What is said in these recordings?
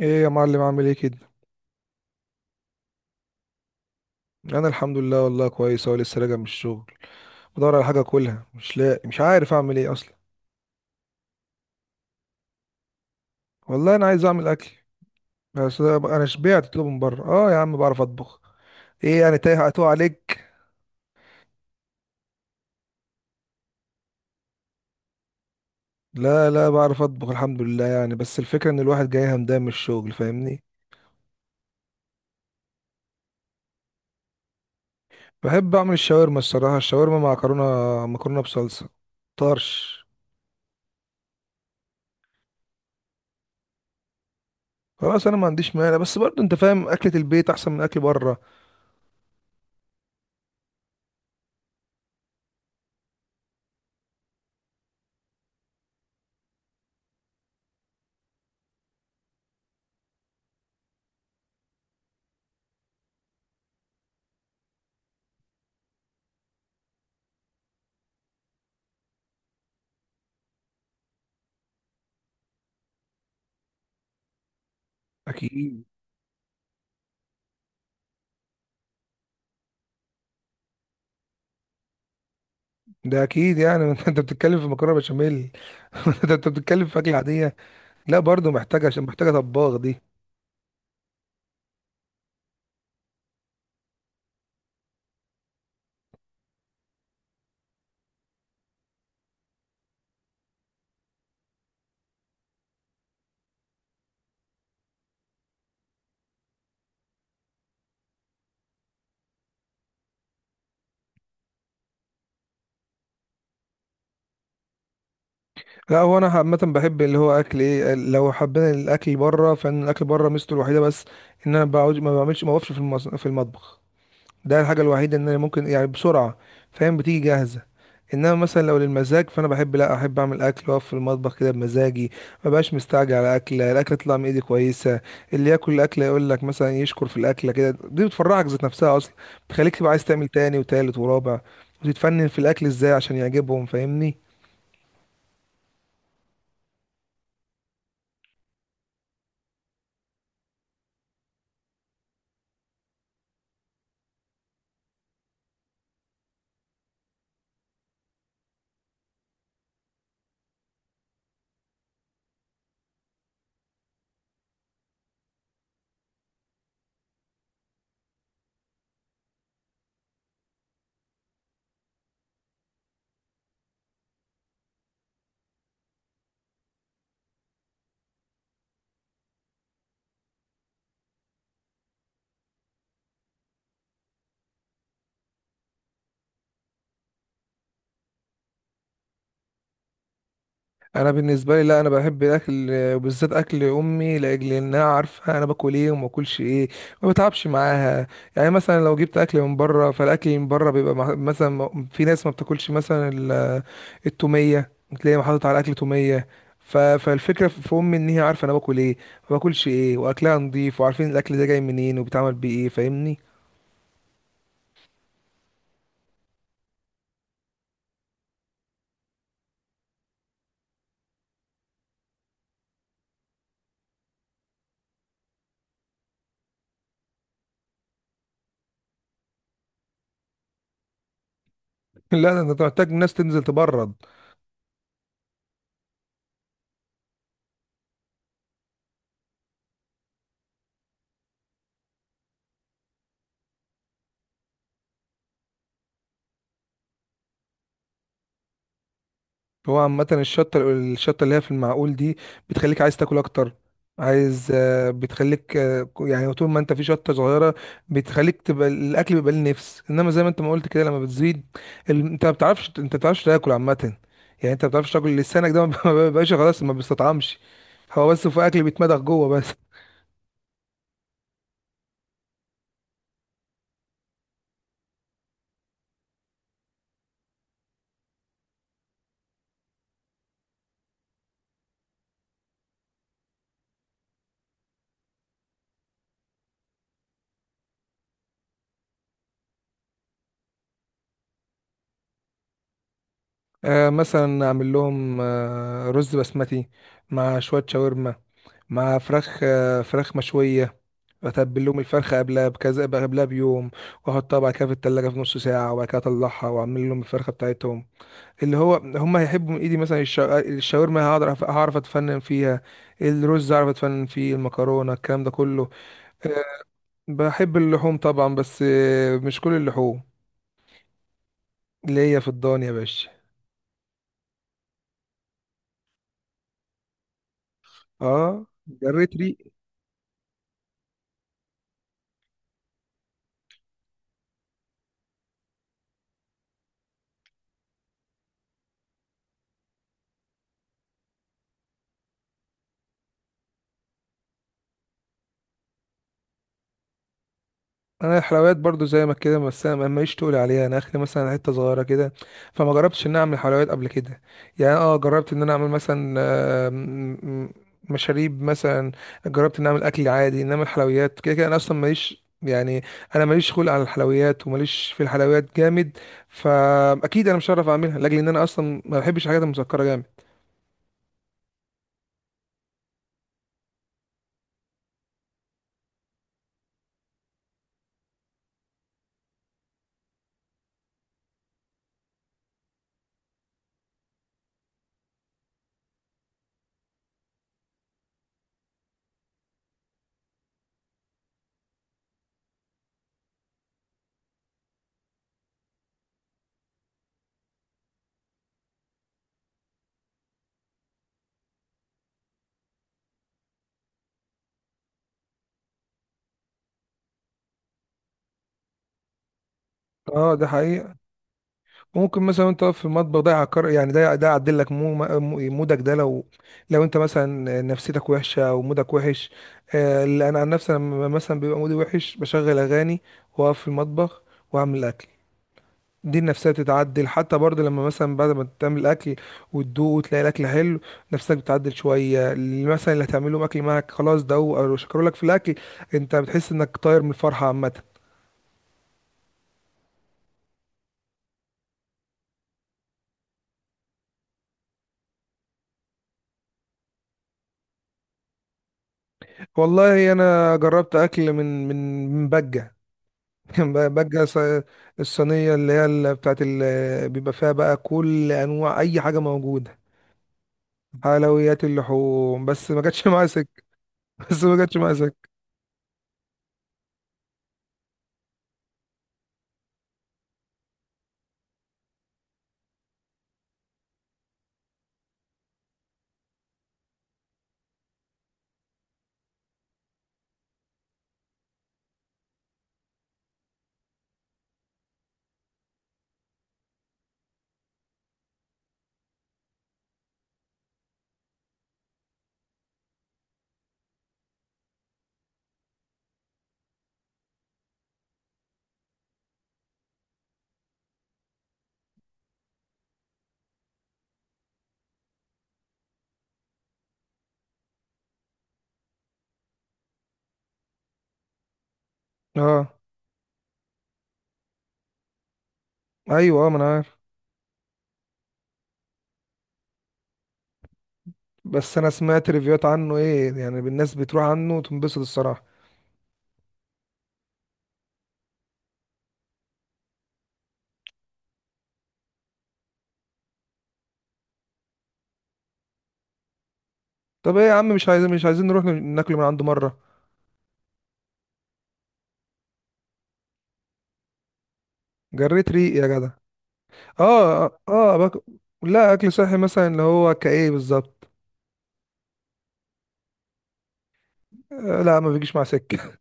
ايه يا معلم، عامل ايه كده؟ انا الحمد لله، والله كويس اهو لسه راجع من الشغل. بدور على حاجه اكلها، مش لاقي، مش عارف اعمل ايه اصلا. والله انا عايز اعمل اكل. بس انا شبعت اطلبه من بره. اه يا عم، بعرف اطبخ. ايه يعني، تايه هتوه عليك؟ لا لا، بعرف اطبخ الحمد لله، يعني بس الفكره ان الواحد جاي همدان من الشغل فاهمني. بحب اعمل الشاورما، الصراحه الشاورما مع مكرونه، مكرونه بصلصه، طرش. خلاص انا ما عنديش مانع، بس برضه انت فاهم اكله البيت احسن من اكل بره. اكيد. ده اكيد يعني انت بتتكلم في مكرونه بشاميل. ده انت بتتكلم في اكل عاديه. لا برضه محتاجه، عشان محتاجه طباخ دي. لا، هو انا عامه بحب اللي هو اكل ايه، لو حبينا الاكل بره فان الاكل بره ميزته الوحيده بس ان انا بعوج ما بعملش ما بقفش في المطبخ. ده الحاجة الوحيدة ان انا ممكن يعني بسرعة. فاهم، بتيجي جاهزة. انما مثلا لو للمزاج فانا لا احب اعمل اكل واقف في المطبخ كده بمزاجي. ما بقاش مستعجل على اكله، الاكله تطلع من ايدي كويسه. اللي ياكل الاكله يقول لك مثلا يشكر في الاكله كده، دي بتفرحك ذات نفسها اصلا. بتخليك تبقى عايز تعمل تاني وتالت ورابع. وتتفنن في الاكل ازاي عشان يعجبهم، فاهمني. انا بالنسبه لي، لا انا بحب الاكل وبالذات اكل امي لاجل انها عارفه انا باكل ايه وما باكلش ايه. ما بتعبش معاها. يعني مثلا لو جبت اكل من بره، فالاكل من بره بيبقى مثلا في ناس ما بتاكلش مثلا التوميه. تلاقي حاطط على الاكل توميه. فالفكره في امي ان هي عارفه انا باكل ايه، ما باكلش ايه، واكلها نضيف وعارفين الاكل ده جاي منين وبيتعمل بايه فاهمني. لا ده انت محتاج الناس تنزل تبرد. هو عامة الشطة الشطة اللي هي في المعقول دي بتخليك عايز تاكل أكتر. عايز آه، بتخليك يعني طول ما انت في شطة صغيرة بتخليك تبقى الأكل بيبقى ليه نفس، انما زي ما انت ما قلت كده لما بتزيد انت ما بتعرفش تاكل عامة. يعني انت ما بتعرفش تاكل، لسانك ده ما بيبقاش خلاص، ما بيستطعمش. هو بس في أكل بيتمضغ جوه بس. مثلا أعمل لهم رز بسمتي مع شوية شاورما، مع فراخ مشوية. اتبل لهم الفرخة قبلها بكذا، قبلها بيوم. واحطها بعد كده في التلاجة في نص ساعة، وبعد كده اطلعها واعمل لهم الفرخة بتاعتهم. اللي هو هم هيحبوا من ايدي، مثلا الشاورما هعرف اتفنن فيها. الرز هعرف اتفنن فيه، المكرونة، الكلام ده كله. آه، بحب اللحوم طبعا، بس مش كل اللحوم. اللي هي في الضان يا باشا. اه، جريت ريق. انا الحلويات برضو زي ما كده، بس انا ماليش تقول عليها انا اخلي مثلا حته صغيره كده. فما جربتش ان اعمل حلويات قبل كده. يعني جربت ان انا اعمل مثلا م- مشاريب مثلا. جربت ان اعمل اكل عادي، انما الحلويات كده كده انا اصلا ماليش يعني. انا ماليش خلق على الحلويات، وماليش في الحلويات جامد. فاكيد انا مش هعرف اعملها، لاجل ان انا اصلا ما بحبش الحاجات المسكره جامد. اه ده حقيقه. ممكن مثلا انت واقف في المطبخ ده يعكر، يعني ده يعدل لك مودك ده لو انت مثلا نفسيتك وحشه او مودك وحش. لا، انا عن نفسي لما مثلا بيبقى مودي وحش بشغل اغاني، واقف في المطبخ، واعمل اكل. دي النفسيه بتتعدل، حتى برضه لما مثلا بعد ما تعمل اكل وتدوق وتلاقي الاكل حلو، نفسك بتتعدل شويه. اللي مثلا اللي هتعمله اكل معاك خلاص ده هو، او شكروا لك في الاكل، انت بتحس انك طاير من الفرحه عامه. والله انا جربت اكل من بجه. بقى الصينية، اللي هي اللي بتاعت بيبقى فيها بقى كل أنواع أي حاجة موجودة. حلويات اللحوم، بس ما جاتش معايا سكة. بس ما جاتش معايا سكة. اه، أيوه، ما أنا عارف. بس أنا سمعت ريفيوهات عنه، إيه يعني الناس بتروح عنه وتنبسط الصراحة. طب إيه يا عم، مش عايزين نروح ناكل من عنده مرة؟ جريت ريق يا جدع. اه، اه، لا أكل صحي مثلا اللي هو كإيه بالظبط. لا ما بيجيش مع سكة.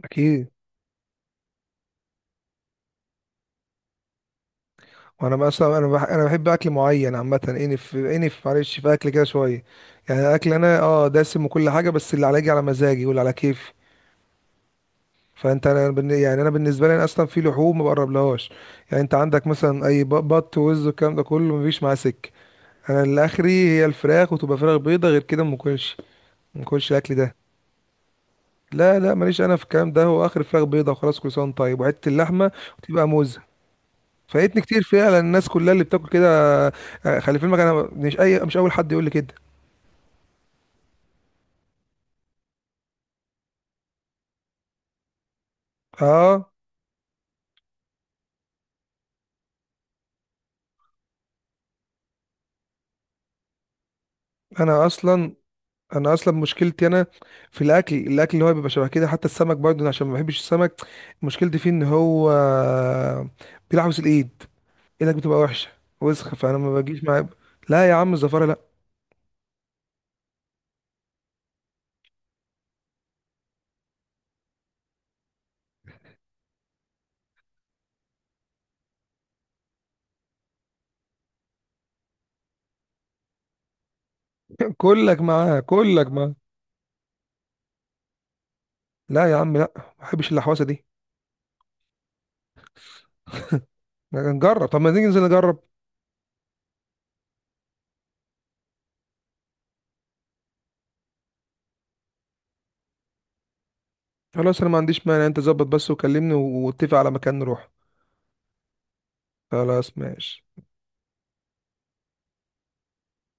أكيد. وانا مثلا انا بحب اكل معين عامه، انف انف معلش، في اكل كده شويه. يعني اكل انا دسم وكل حاجه، بس اللي على يجي على مزاجي واللي على كيفي. فانت يعني انا بالنسبه لي اصلا في لحوم ما بقربلهاش. يعني انت عندك مثلا بط ووز والكلام ده كله مفيش معاه سكه. انا اللي اخري هي الفراخ، وتبقى فراخ بيضه، غير كده ما باكلش. ما باكلش الاكل ده. لا لا ماليش انا في الكلام ده، هو اخر فراخ بيضه وخلاص، كل سنه وأنت طيب، وحته اللحمه وتبقى موزه. فايتني كتير فعلا، الناس كلها اللي بتاكل كده. خلي في علمك انا مش اي مش اول حد يقول لي كده. اه، انا اصلا انا اصلا مشكلتي انا في الاكل، الاكل اللي هو بيبقى شبه كده، حتى السمك برضه أنا عشان ما بحبش السمك. مشكلتي فيه ان هو بيلعبس الايد، ايدك بتبقى وحشه، وسخه، فانا ما بجيش معاه. لا يا عم، الزفاره لا. كلك معاه، كلك معاه. لا يا عم، لا ما بحبش اللحوسه دي. نجرب، طب ما نيجي ننزل نجرب. خلاص انا ما عنديش مانع، انت ظبط بس وكلمني واتفق على مكان نروح. خلاص ماشي.